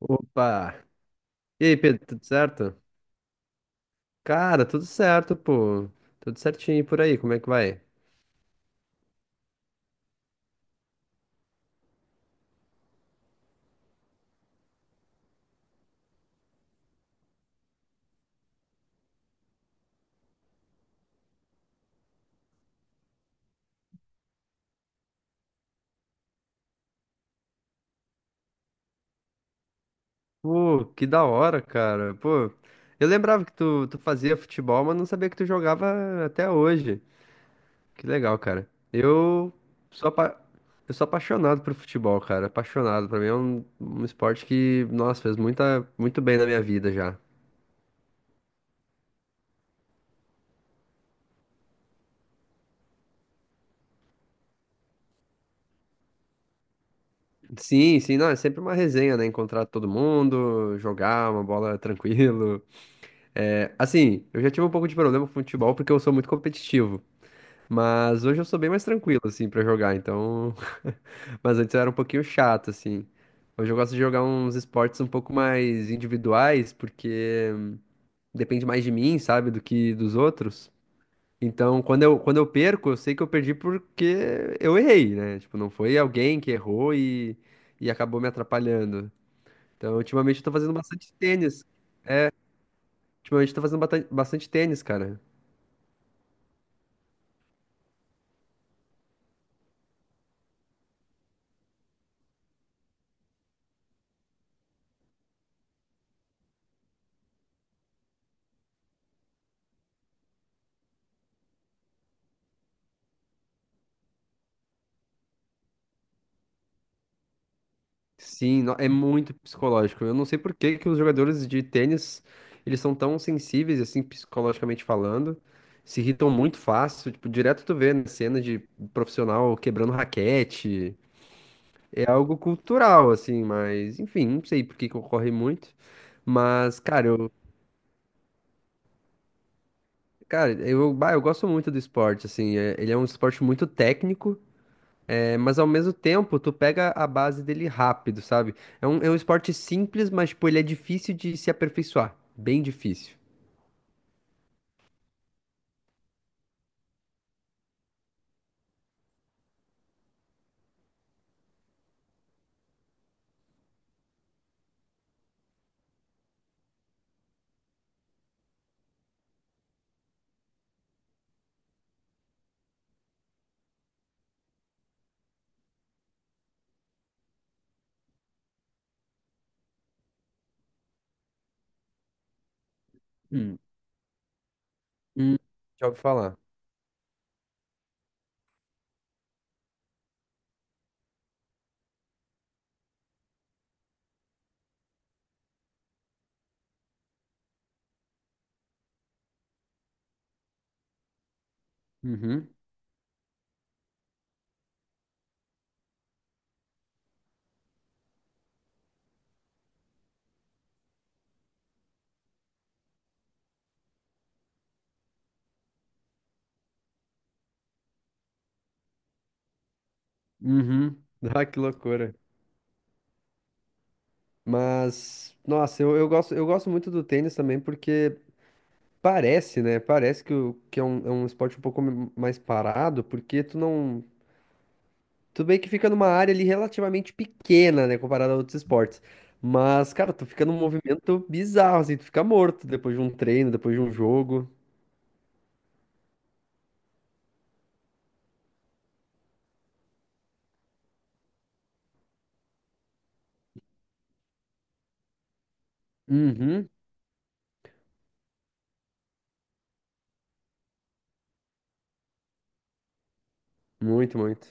Opa! E aí, Pedro, tudo certo? Cara, tudo certo, pô. Tudo certinho e por aí, como é que vai? Pô, que da hora, cara. Pô, eu lembrava que tu fazia futebol, mas não sabia que tu jogava até hoje. Que legal, cara. Eu sou, apa- eu sou apaixonado por futebol, cara. Apaixonado. Pra mim é um esporte que, nossa, fez muito bem na minha vida já. Sim, sim, não, é sempre uma resenha, né? Encontrar todo mundo, jogar uma bola tranquilo. É, assim, eu já tive um pouco de problema com futebol porque eu sou muito competitivo. Mas hoje eu sou bem mais tranquilo, assim, pra jogar, então. Mas antes eu era um pouquinho chato, assim. Hoje eu gosto de jogar uns esportes um pouco mais individuais, porque depende mais de mim, sabe, do que dos outros. Então, quando eu perco, eu sei que eu perdi porque eu errei, né? Tipo, não foi alguém que errou e acabou me atrapalhando. Então, ultimamente eu tô fazendo bastante tênis. Ultimamente eu tô fazendo bastante tênis, cara. Sim, é muito psicológico. Eu não sei por que que os jogadores de tênis, eles são tão sensíveis, assim, psicologicamente falando, se irritam muito fácil, tipo, direto tu vê na cena de profissional quebrando raquete, é algo cultural, assim, mas, enfim, não sei por que que ocorre muito, mas, cara, eu, bah, eu gosto muito do esporte, assim, ele é um esporte muito técnico. É, mas ao mesmo tempo, tu pega a base dele rápido, sabe? É é um esporte simples, mas, tipo, ele é difícil de se aperfeiçoar. Bem difícil. Hum, hum, Já ouvi falar. Uhum, uhum. Ah, que loucura. Mas, nossa, eu gosto muito do tênis também porque parece, né? Parece que é é um esporte um pouco mais parado, porque tu não. Tudo bem que fica numa área ali relativamente pequena, né, comparado a outros esportes. Mas, cara, tu fica num movimento bizarro, assim, tu fica morto depois de um treino, depois de um jogo. Uhum, muito, muito.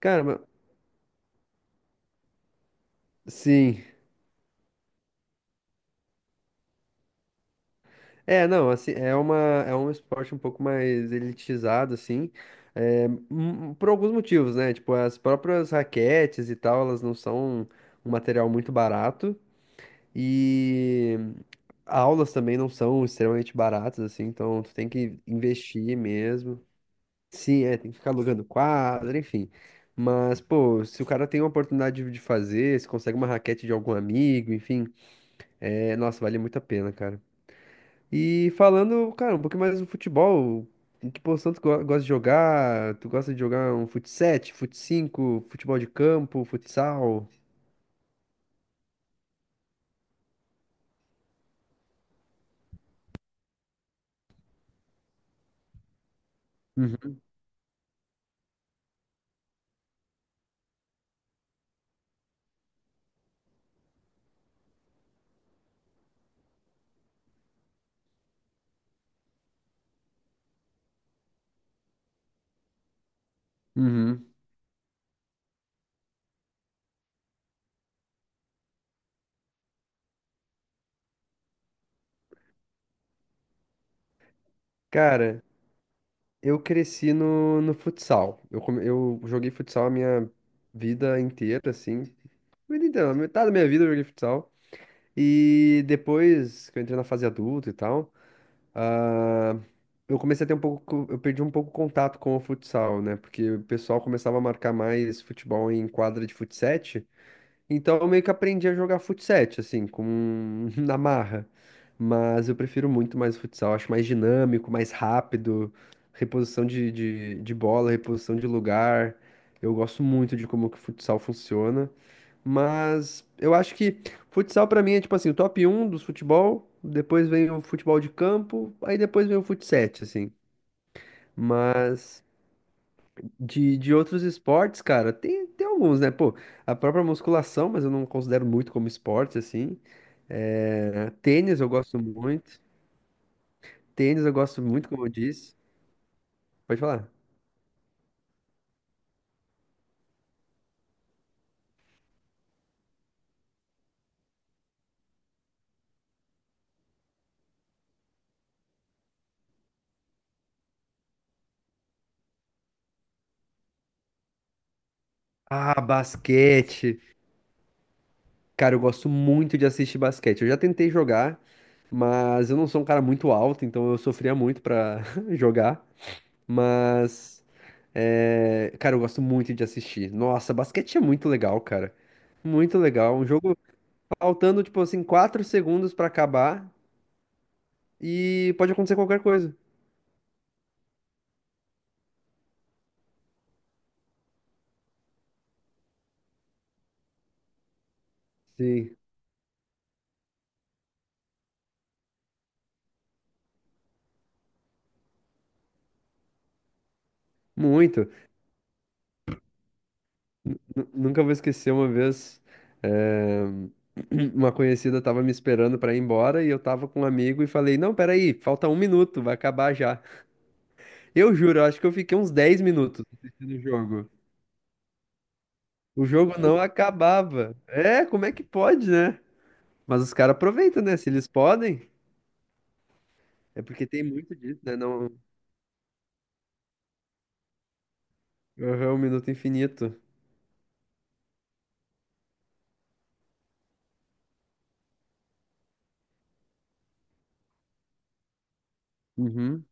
Cara, sim. É, não, assim, é uma, é um esporte um pouco mais elitizado, assim, é, por alguns motivos, né? Tipo, as próprias raquetes e tal, elas não são um material muito barato. E aulas também não são extremamente baratas, assim, então tu tem que investir mesmo. Sim, é, tem que ficar alugando quadra, enfim. Mas, pô, se o cara tem uma oportunidade de fazer, se consegue uma raquete de algum amigo, enfim, é, nossa, vale muito a pena, cara. E falando, cara, um pouquinho mais do futebol, em que posição tu gosta de jogar? Tu gosta de jogar um fut 7, fut 5, futebol de campo, futsal? Uhum. Uhum. Cara, eu cresci no futsal. Eu, eu joguei futsal a minha vida inteira, assim. Vida inteira, metade da minha vida eu joguei futsal. E depois que eu entrei na fase adulta e tal, ah, eu comecei a ter um pouco, eu perdi um pouco o contato com o futsal, né? Porque o pessoal começava a marcar mais futebol em quadra de futsal, então eu meio que aprendi a jogar futsal, assim, com na marra. Mas eu prefiro muito mais o futsal, acho mais dinâmico, mais rápido, reposição de bola, reposição de lugar. Eu gosto muito de como que o futsal funciona. Mas eu acho que futsal pra mim é tipo assim, o top um dos futebol, depois vem o futebol de campo, aí depois vem o futsal, assim. Mas de outros esportes, cara, tem alguns, né? Pô, a própria musculação, mas eu não considero muito como esporte, assim. É, tênis eu gosto muito. Tênis eu gosto muito, como eu disse. Pode falar. Ah, basquete. Cara, eu gosto muito de assistir basquete. Eu já tentei jogar, mas eu não sou um cara muito alto, então eu sofria muito pra jogar. Mas, é, cara, eu gosto muito de assistir. Nossa, basquete é muito legal, cara. Muito legal. Um jogo. Faltando, tipo assim, 4 segundos pra acabar e pode acontecer qualquer coisa. Sim, muito. Nunca vou esquecer uma vez, eh, uma conhecida tava me esperando pra ir embora e eu tava com um amigo e falei, não, peraí, falta um minuto, vai acabar já. Eu juro, eu acho que eu fiquei uns 10 minutos assistindo o jogo. O jogo não acabava. É, como é que pode, né? Mas os caras aproveitam, né? Se eles podem, é porque tem muito disso, né? Não... Aham, um minuto infinito. Uhum.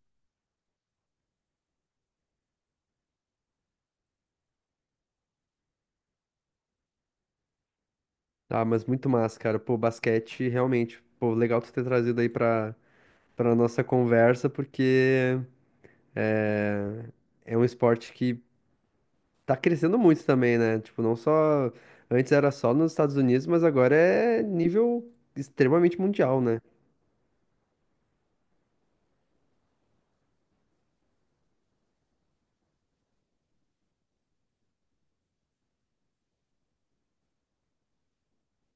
Ah, mas muito massa, cara. Pô, basquete, realmente. Pô, legal tu ter trazido aí pra, pra nossa conversa, porque é, é um esporte que tá crescendo muito também, né? Tipo, não só. Antes era só nos Estados Unidos, mas agora é nível extremamente mundial, né?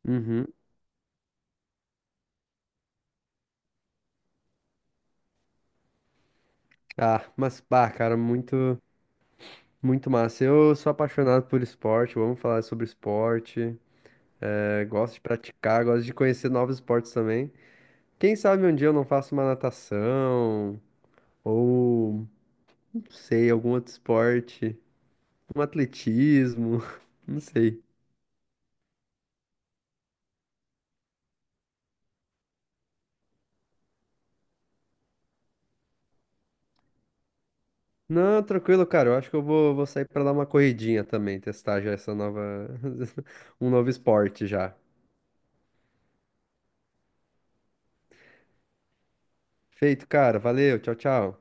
Uhum. Ah, mas, pá, cara, muito, muito massa. Eu sou apaixonado por esporte, vamos falar sobre esporte. É, gosto de praticar, gosto de conhecer novos esportes também. Quem sabe um dia eu não faço uma natação. Ou, não sei, algum outro esporte. Um atletismo. Não sei. Não, tranquilo, cara. Eu acho que eu vou sair pra dar uma corridinha também, testar já essa nova. Um novo esporte já. Feito, cara. Valeu. Tchau, tchau.